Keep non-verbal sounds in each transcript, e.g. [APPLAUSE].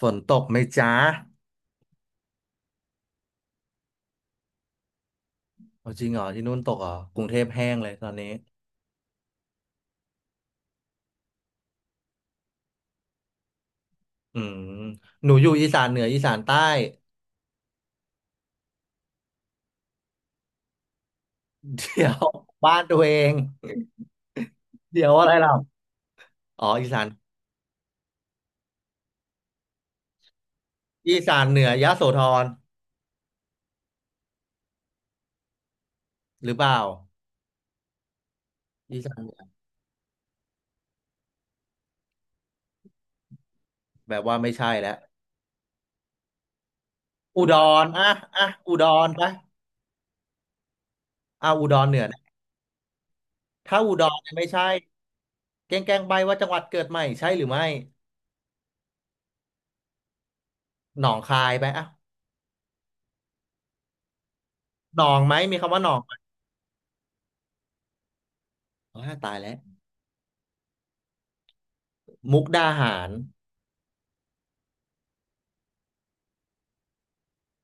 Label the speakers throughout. Speaker 1: ฝนตกไหมจ๊ะเอาจริงเหรอที่นู่นตกเหรอกรุงเทพแห้งเลยตอนนี้อืมหนูอยู่อีสานเหนืออีสานใต้ [LAUGHS] เดี๋ยวบ้านตัวเอง เดี๋ยวอะไรล่ะอ๋ออีสานอีสานเหนือยโสธรหรือเปล่าอีสานเหนือแบบว่าไม่ใช่แล้วอุดรอ่ะอ่ะอุดรไปอ่ะอุดรเหนือนะถ้าอุดรเนี่ยไม่ใช่แกล้งแกล้งใบว่าจังหวัดเกิดใหม่ใช่หรือไม่หนองคายไปอ่ะหนองไหมมีคำว่าหนองไหมตายแล้วมุกดาหาร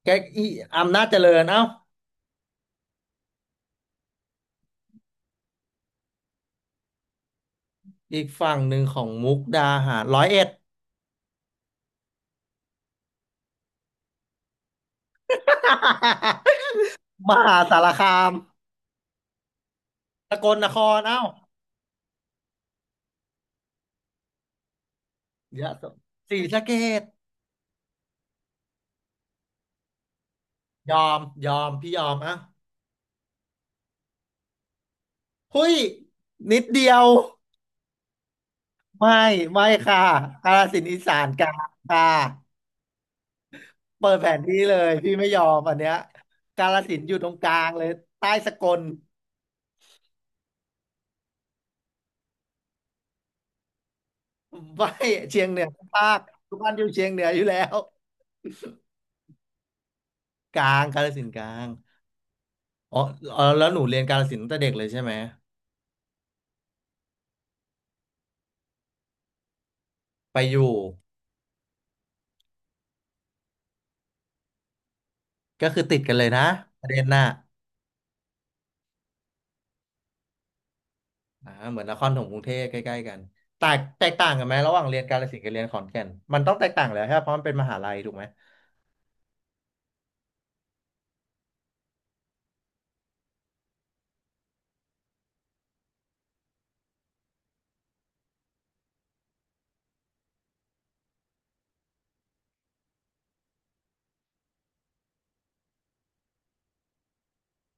Speaker 1: แกล้งอีอำนาจเจริญเอ้า อีกฝั่งหนึ่งของมุกดาหารร้อยเอ็ด [LAUGHS] มหาสารคามสกลนครเอ้ายะโสศรีสะเกษยอมยอมพี่ยอมอ่ะหุ้ยนิดเดียวไม่ไม่ค่ะกาฬสินธุ์อีสานกลางค่ะเปิดแผนที่เลยพี่ไม่ยอมอันเนี้ยกาฬสินธุ์อยู่ตรงกลางเลยใต้สกลไม่เชียงเหนือภาคทุกบ้านอยู่เชียงเหนืออยู่แล้วกลางกาฬสินธุ์กลางอ๋อเออแล้วหนูเรียนกาฬสินธุ์ตั้งแต่เด็กเลยใช่ไหมไปอยู่ ก็คือติดกันเลยนะประเด็นน่ะอ่าเหมือนนครถมกรุงเทพใกล้ๆกันแตกต่างกันไหมระหว่างเรียนกาฬสินธุ์กับเรียนขอนแก่นมันต้องแตกต่างแหล้วใช่ปะเพราะมันเป็นมหาลัยถูกไหม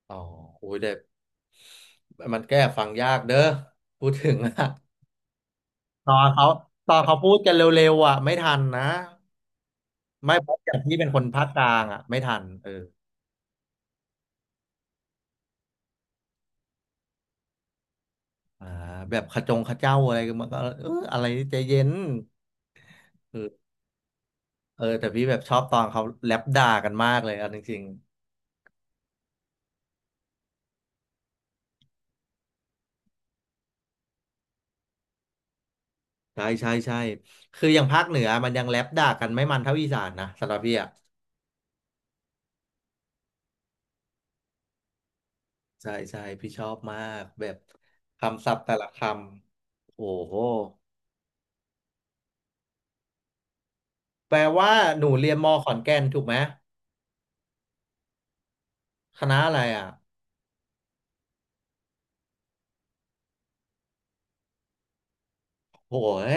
Speaker 1: อ๋อโอ้ยเด็กมันแก้ฟังยากเด้อพูดถึงอะตอนเขาตอนเขาพูดกันเร็วๆอ่ะไม่ทันนะไม่เพราะอย่างที่เป็นคนภาคกลางอ่ะไม่ทันเอออ่าแบบขจงขเจ้าอะไรกันมันก็เอออะไรใจเย็นเออเออแต่พี่แบบชอบตอนเขาแลปด่ากันมากเลยเอ่ะจริง ใช่ใช่ใช่คืออย่างภาคเหนือมันยังแรปด่ากันไม่มันเท่าอีสานนะสำหรับพี่อ่ะใช่ใช่พี่ชอบมากแบบคำศัพท์แต่ละคำโอ้โหแปลว่าหนูเรียนมอขอนแก่นถูกไหมคณะอะไรอ่ะโอ้เฮ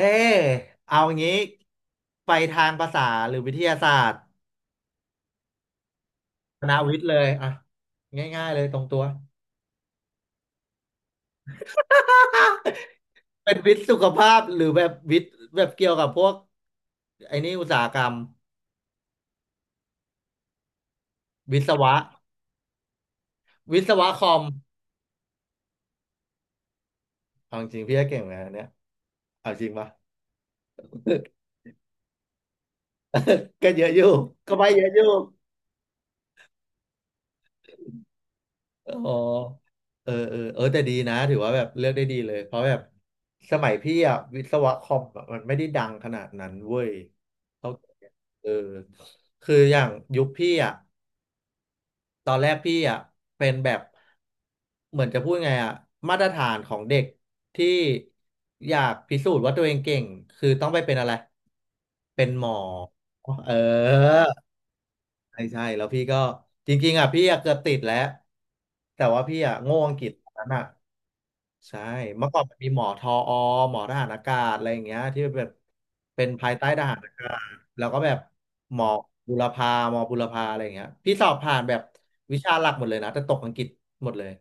Speaker 1: เอางี้ไปทางภาษาหรือวิทยาศาสตร์คณะวิทย์เลยอ่ะง่ายๆเลยตรงตัว [LAUGHS] เป็นวิทย์สุขภาพหรือแบบวิทย์แบบเกี่ยวกับพวกไอ้นี่อุตสาหกรรมวิศวะวิศวะคอม เอาจริงๆพี่ก็เก่งเหมือนกันอันเนี่ยเอาจริงปะ [LAUGHS] ก็เยอะอยู่ก็ไปเยอะอยู่อ๋อเออเออเออแต่ดีนะถือว่าแบบเลือกได้ดีเลย เพราะแบบสมัยพี่อะวิศวะคอมอะมันไม่ได้ดังขนาดนั้นเว้ยเขาเออคืออย่างยุคพี่อ่ะตอนแรกพี่อ่ะเป็นแบบเหมือนจะพูดไงอ่ะมาตรฐานของเด็กที่อยากพิสูจน์ว่าตัวเองเก่งคือต้องไปเป็นอะไร เป็นหมอเออ ใช่ใช่แล้วพี่ก็จริงๆอ่ะพี่อ่ะเกือบติดแล้วแต่ว่าพี่อ่ะโง่อังกฤษตอนนั้นอ่ะใช่เมื่อก่อนมันมีหมอทออหมอทหารอากาศอะไรอย่างเงี้ยที่แบบเป็นภายใต้ทหารอากาศแล้วก็แบบหมอหมอบุรพาอะไรอย่างเงี้ยพี่สอบผ่านแบบวิชาหลักหมดเลยนะแต่ตกอังกฤษหมดเลย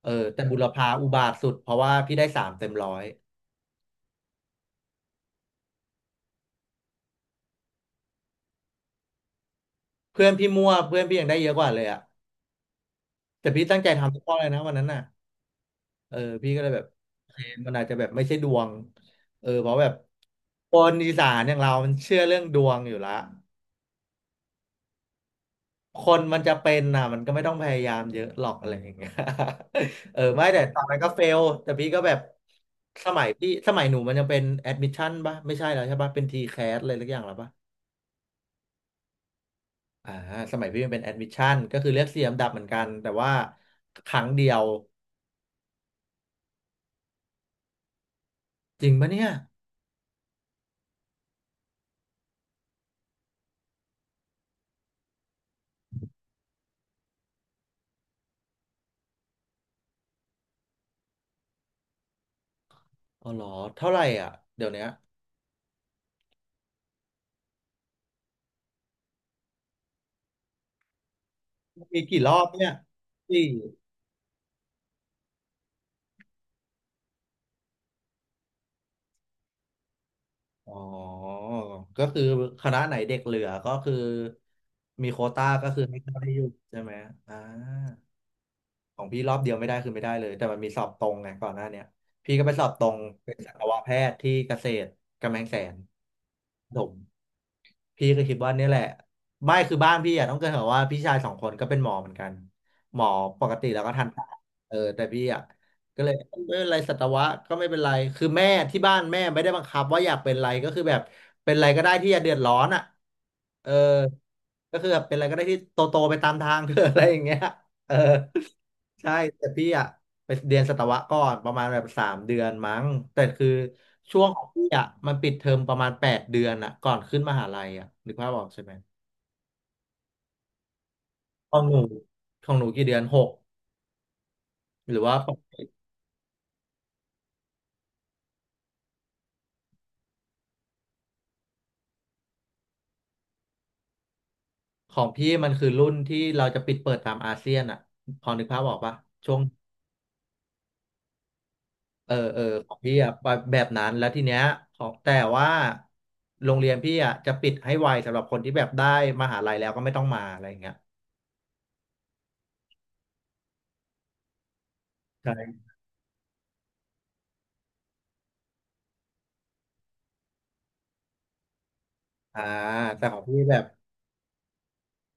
Speaker 1: เออแต่บุรพาอุบาทสุดเพราะว่าพี่ได้สามเต็มร้อยเพื่อนพี่มั่วเพื่อนพี่ยังได้เยอะกว่าเลยอ่ะแต่พี่ตั้งใจทำทุกข้อเลยนะวันนั้นน่ะ เออพี่ก็เลยแบบโอเคมันอาจจะแบบไม่ใช่ดวงเออเพราะแบบคนอีสานอย่างเรามันเชื่อเรื่องดวงอยู่ละคนมันจะเป็นน่ะมันก็ไม่ต้องพยายามเยอะหรอกอะไรอย่างเงี้ย [LAUGHS] เออไม่แต่ตอนนั้นก็เฟลแต่พี่ก็แบบสมัยพี่สมัยหนูมันยังเป็นแอดมิชชั่นป่ะไม่ใช่แล้วใช่ปะเป็นทีแคสอะไรสักอย่างแร้วปะอ่าสมัยพี่มันเป็นแอดมิชชั่นก็คือเลือกเสียมดับเหมือนกันแต่ว่าครั้งเดียวจริงปะเนี่ยอ๋อเหรอเท่าไหร่อ่ะเดี๋ยวเนี้ยมีกี่รอบเนี่ยสี่ อ๋อก็คือคณะไหนเด็กเหลือก็คือมีโควต้าก็คือให้เข้าได้อยู่อ่าของพี่รอบเดียวไม่ได้คือไม่ได้เลยแต่มันมีสอบตรงไงก่อนหน้าเนี้ยพี่ก็ไปสอบตรงเป็นสัตวแพทย์ที่เกษตรกำแพงแสน พี่ก็คิดว่าเนี่ยแหละไม่คือบ้านพี่อ่ะต้องเกรินก่อนว่าพี่ชายสองคนก็เป็นหมอเหมือนกันหมอปกติแล้วก็ทันตาเออแต่พี่อ่ะก็เลยไม่เป็นไรสัตวะก็ไม่เป็นไรคือแม่ที่บ้านแม่ไม่ได้บังคับว่าอยากเป็นอะไรก็คือแบบเป็นอะไรก็ได้ที่อย่าเดือดร้อนอ่ะเออ ก็คือแบบเป็นอะไรก็ได้ที่โตโตไปตามทาง [LAUGHS] เธออะไรอย่างเงี้ย เออใช่แต่พี่อะไปเรียนสัตวะก่อนประมาณแบบสามเดือนมั้งแต่คือช่วงของพี่อะมันปิดเทอมประมาณแปดเดือนอะก่อนขึ้นมหาลัยอะนึกภาพออกใช่ไหมของหนูของหนูกี่เดือนหกหรือว่าของพี่มันคือรุ่นที่เราจะปิดเปิดตามอาเซียนอะพอนึกภาพออกปะช่วง เออเออของพี่อ่ะแบบนั้นแล้วทีเนี้ยของแต่ว่าโรงเรียนพี่อ่ะจะปิดให้ไวสำหรับคนที่แบบได้มหาลัยแล้วก็ไม่ต้องมาอะไรอย่างเงี้ยอ่าแต่ของพี่แบบ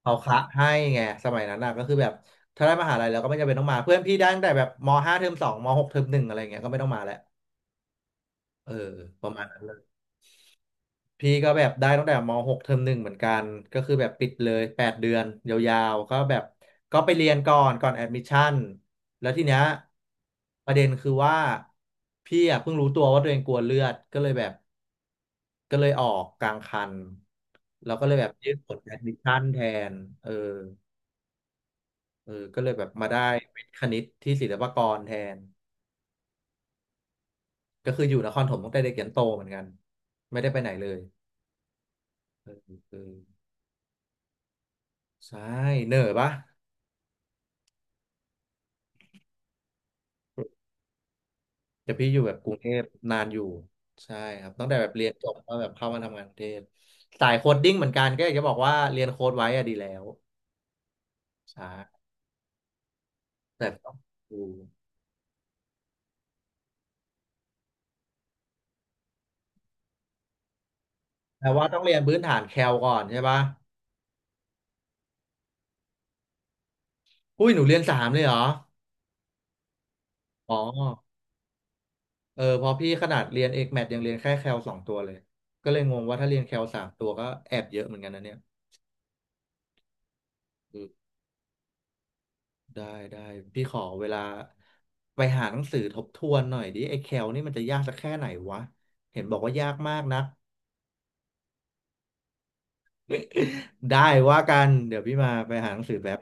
Speaker 1: เขาคะให้ไงสมัยนั้นอ่ะก็คือแบบถ้าได้มหาลัยแล้วก็ไม่จำเป็นต้องมาเพื่อนพี่ได้ตั้งแต่แบบมห้าเทอมสองมหกเทอมหนึ่งอะไรอย่างเงี้ยก็ไม่ต้องมาแล้วเออประมาณนั้น พี่ก็แบบได้ตั้งแต่ม .6 เทอมหนึ่งเหมือนกัน ก็คือแบบปิดเลยแปดเดือนยาวๆก็แบบก็ไปเรียนก่อนแอดมิชชั่นแล้วทีเนี้ยประเด็นคือว่าพี่อ่ะเพิ่งรู้ตัวว่าตัวเองกลัวเลือด ก็เลยแบบก็เลยออกกลางคัน แล้วก็เลยแบบยื่นผลแอดมิชชั่นแทนเออเออก็เลยแบบมาได้วิทย์คณิตที่ศิลปากรแทน ก็คืออยู่นครปฐมตั้งแต่เด็กยันโตเหมือนกัน ไม่ได้ไปไหนเลยเออเออใช่เหนื่อยปะ แต่พี่อยู่แบบกรุงเทพนานอยู่ใช่ครับตั้งแต่แบบเรียนจบก็แบบเข้ามาทำงานกรุงเทพสายโคดดิ้งเหมือนกันก็อยากจะบอกว่าเรียนโค้ดไว้อะดีแล้วใช่แต่แต่ว่าต้องเรียนพื้นฐานแคลก่อนใช่ปะอุ้ยหนูเรียนสามเลยเหรออ๋อเออพี่ขนาดเรียนเอกแมทยังเรียนแค่แคลสองตัวเลยก็เลยงงว่าถ้าเรียนแคลสามตัวก็แอบเยอะเหมือนกันนะเนี่ยได้ได้พี่ขอเวลาไปหาหนังสือทบทวนหน่อยดิไอ้แคลนี่มันจะยากสักแค่ไหนวะเห็นบอกว่ายากมากนก ได้ว่ากันเดี๋ยวพี่มาไปหาหนังสือแป๊บ